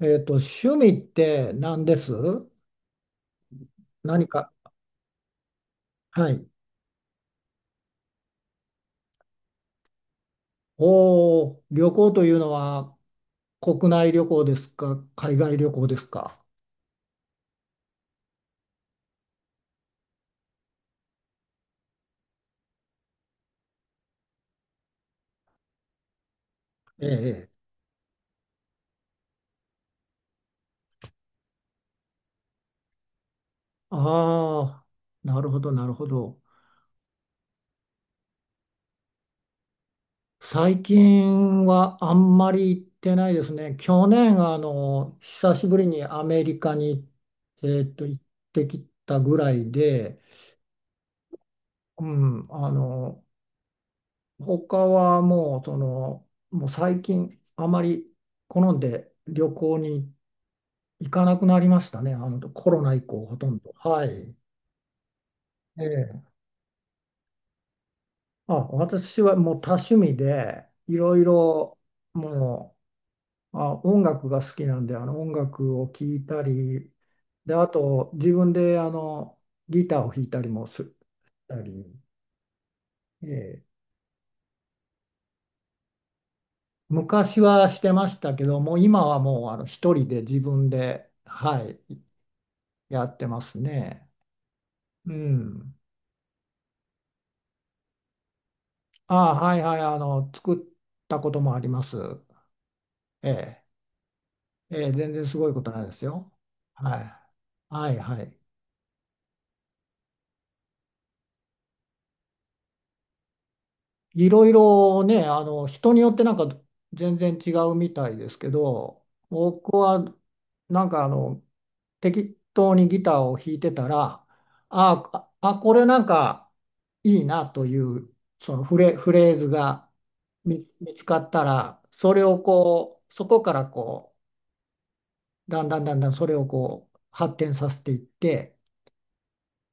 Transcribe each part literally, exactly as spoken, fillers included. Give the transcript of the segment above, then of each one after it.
えっと、趣味って何です？何か、はい。おお、旅行というのは国内旅行ですか、海外旅行ですか。ええ。ああ、なるほど、なるほど。最近はあんまり行ってないですね。去年、あの、久しぶりにアメリカに、えっと、行ってきたぐらいで、うん、あの、他はもう、その、もう最近、あまり好んで旅行に行かなくなりましたね。あの、コロナ以降、ほとんど。はい。ええ。あ、私はもう多趣味で、いろいろ、もう、あ、音楽が好きなんで、あの、音楽を聴いたり、で、あと、自分で、あの、ギターを弾いたりもすたり、ええ。昔はしてましたけど、もう今はもう、あの、一人で自分で、はい。やってますね。うん。ああ、はいはい、あの、作ったこともあります。ええ、ええ、全然すごいことないですよ。はい。はいはい。いろいろね、あの、人によってなんか全然違うみたいですけど、僕はなんかあの、適当にギターを弾いてたら、ああ、あ、これなんかいいなという、そのフレ、フレーズが見、見つかったら、それをこう、そこからこう、だんだんだんだんそれをこう、発展させていって、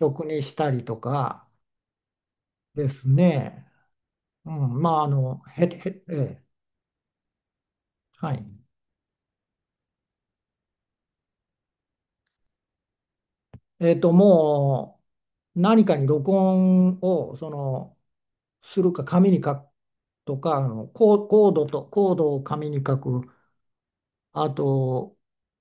曲にしたりとかですね。うん、まあ、あの、へ、へ、ええ、はい。えっと、もう何かに録音をそのするか紙に書くとか、あのコー、コードとコードを紙に書く、あと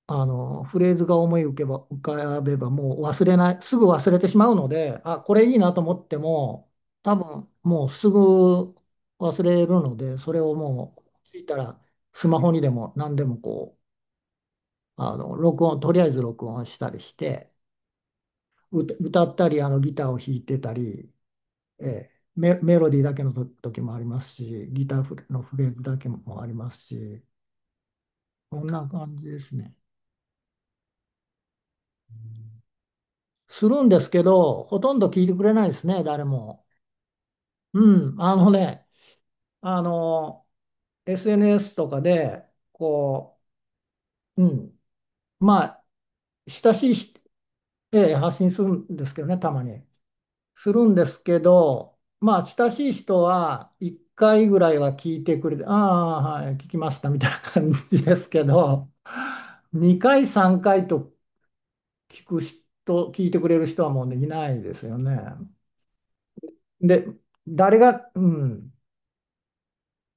あのフレーズが思い浮けば浮かべばもう忘れない、すぐ忘れてしまうので、あ、これいいなと思っても、多分もうすぐ忘れるので、それをもうついたらスマホにでも何でもこう、あの録音、とりあえず録音したりして。歌歌ったりあのギターを弾いてたりえーメ、メロディーだけのと時もありますし、ギターフレのフレーズだけもありますし、こんな感じですね。するんですけど、ほとんど聞いてくれないですね、誰も。うん、あのね、あの、エスエヌエス とかで、こう、うん、まあ、親しいし、ええ発信するんですけどね、たまに。するんですけど、まあ、親しい人はいっかいぐらいは聞いてくれて、ああ、はい、聞きましたみたいな感じですけど、にかい、さんかいと聞く人、聞いてくれる人はもうできないですよね。で、誰が、うん、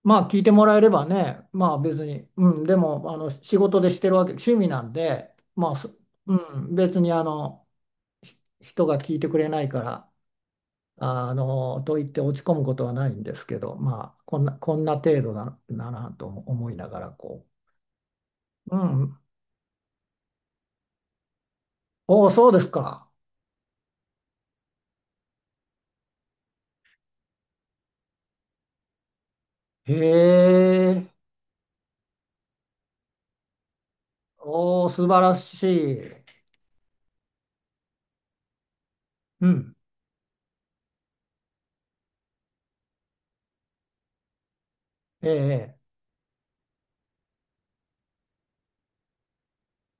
まあ、聞いてもらえればね、まあ別に、うん、でも、あの、仕事でしてるわけ、趣味なんで、まあ、そうん、別にあの、ひ人が聞いてくれないから、あの、と言って落ち込むことはないんですけど、まあ、こんな、こんな程度だな、なと思いながら、こう、うん、おお、そうですか。へえ、おお、素晴らしい。うん、ええ、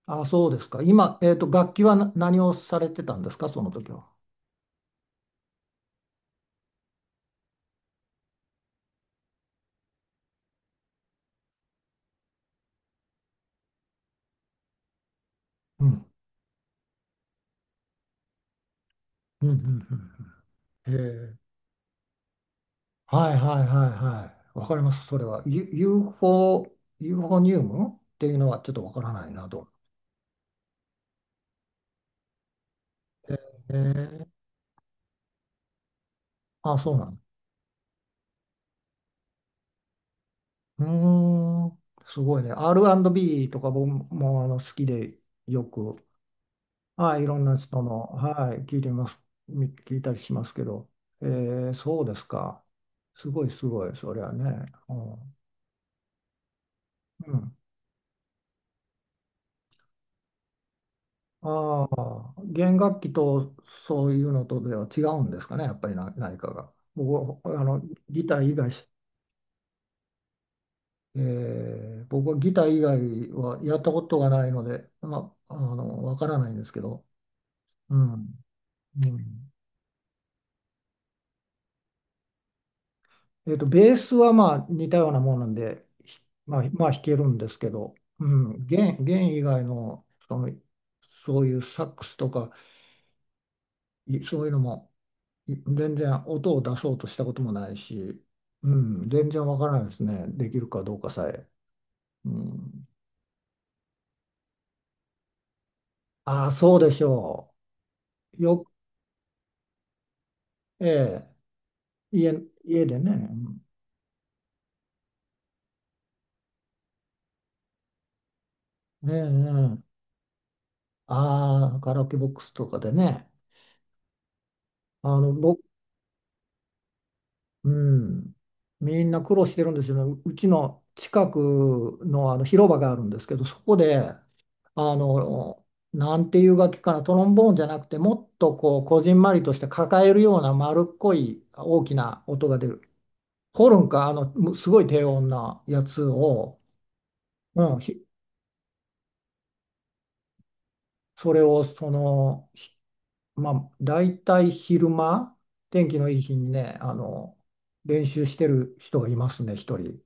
あ、そうですか。今、えっと、楽器はな何をされてたんですか、その時は。うん、うん、うん、うんうんへえ、はいはいはいはい。わかります、それは。ユ ユーフォー、ユーフォニウムっていうのはちょっとわからないなと。へえ、あ、そうなんだ。うーん、すごいね。アールアンドビー とか僕もあの好きでよく、はい、いろんな人の、はい、聞いてます、み聞いたりしますけど、えー、そうですか。すごいすごい、そりゃね。うん。うん。ああ、弦楽器とそういうのとでは違うんですかね、やっぱりな、何かが。僕はあのギター以外し、えー、僕はギター以外はやったことがないので、まあ、あの、わからないんですけど。うん。うん。えっと、ベースはまあ似たようなものなんで、ひまあ、まあ弾けるんですけど、うん、弦、弦以外の、その、そういうサックスとか、いそういうのも、い全然音を出そうとしたこともないし、うん、全然わからないですね。できるかどうかさえ。うん、ああ、そうでしょう。よ、ええ、家、家でね。うん。ねえねえ、ああ、カラオケボックスとかでね。あの、ぼ、うん、みんな苦労してるんですよね。ううちの近くの、あの広場があるんですけど、そこで、あの、なんていう楽器かな、トロンボーンじゃなくて、もっとこう、こじんまりとして抱えるような丸っこい大きな音が出る。ホルンか、あの、むすごい低音なやつを、うん、ひそれを、その、ひまあ、大体昼間、天気のいい日にね、あの、練習してる人がいますね、一人。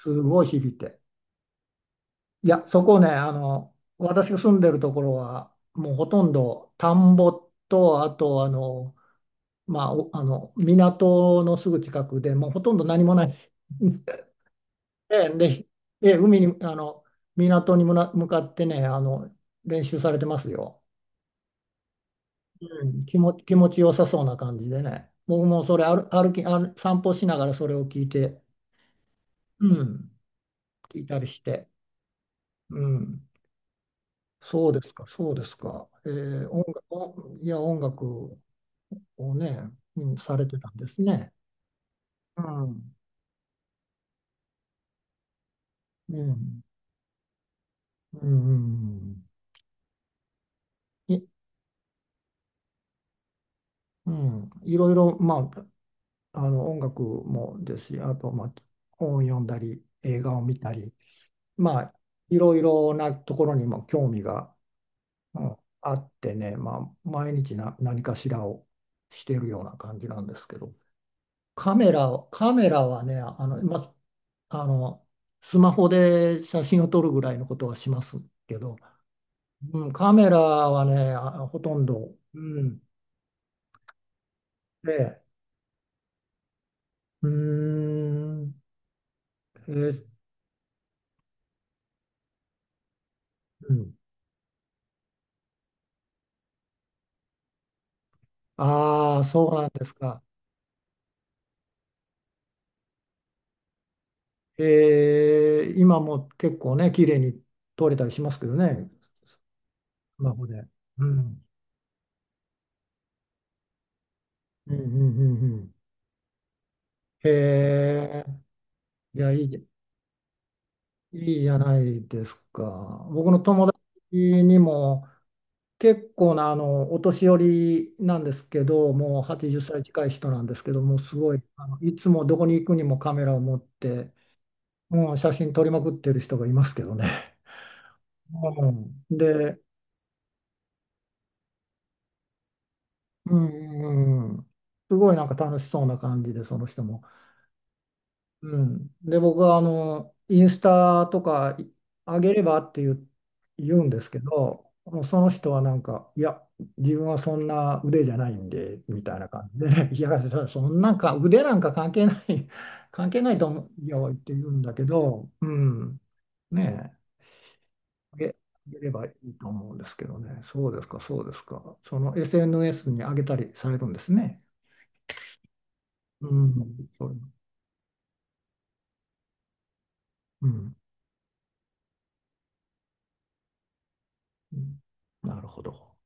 すごい響いて。いや、そこね、あの、私が住んでるところは、もうほとんど田んぼと、あと、あの、まあ、おあの、港のすぐ近くで、もうほとんど何もないです。で、で、で海に、あの、港にむな向かってね、あの、練習されてますよ。うん、気も、気持ちよさそうな感じでね。僕もそれ歩、歩き、あの、散歩しながらそれを聞いて、うん、聞いたりして、うん。そうですか、そうですか。えー、音楽を、いや、音楽をね、うん、されてたんですね。うん、うん、うん、い、うん、いろいろ、まあ、あの音楽もですし、あと、まあ、本を読んだり、映画を見たり、まあ、いろいろなところにも興味が、うん、あってね、まあ、毎日な何かしらをしているような感じなんですけど、カメラ、カメラはね、あの、まああの、スマホで写真を撮るぐらいのことはしますけど、うん、カメラはね、あほとんど、うん、で、うーん、えーうん、ああ、そうなんですか。えー今も結構ね、綺麗に撮れたりしますけどね、スマホで。うん、うん、うん、うん。うんへえ、いや、いいじゃん。いいじゃないですか。僕の友達にも結構なあのお年寄りなんですけど、もうはちじゅっさい近い人なんですけど、もうすごい、あのいつもどこに行くにもカメラを持って、うん、写真撮りまくってる人がいますけどね。うん、で、うん、うんうん、すごいなんか楽しそうな感じで、その人も。うん。で、僕はあの、インスタとかあげればって言う、言うんですけど、もうその人はなんか、いや、自分はそんな腕じゃないんで、みたいな感じで、いや、そんなんか腕なんか関係ない、関係ないと思うよって言うんだけど、うん。ねえ、あげ、あげればいいと思うんですけどね。そうですか、そうですか。その エスエヌエス に上げたりされるんですね。うん、そううん、うんなるほど。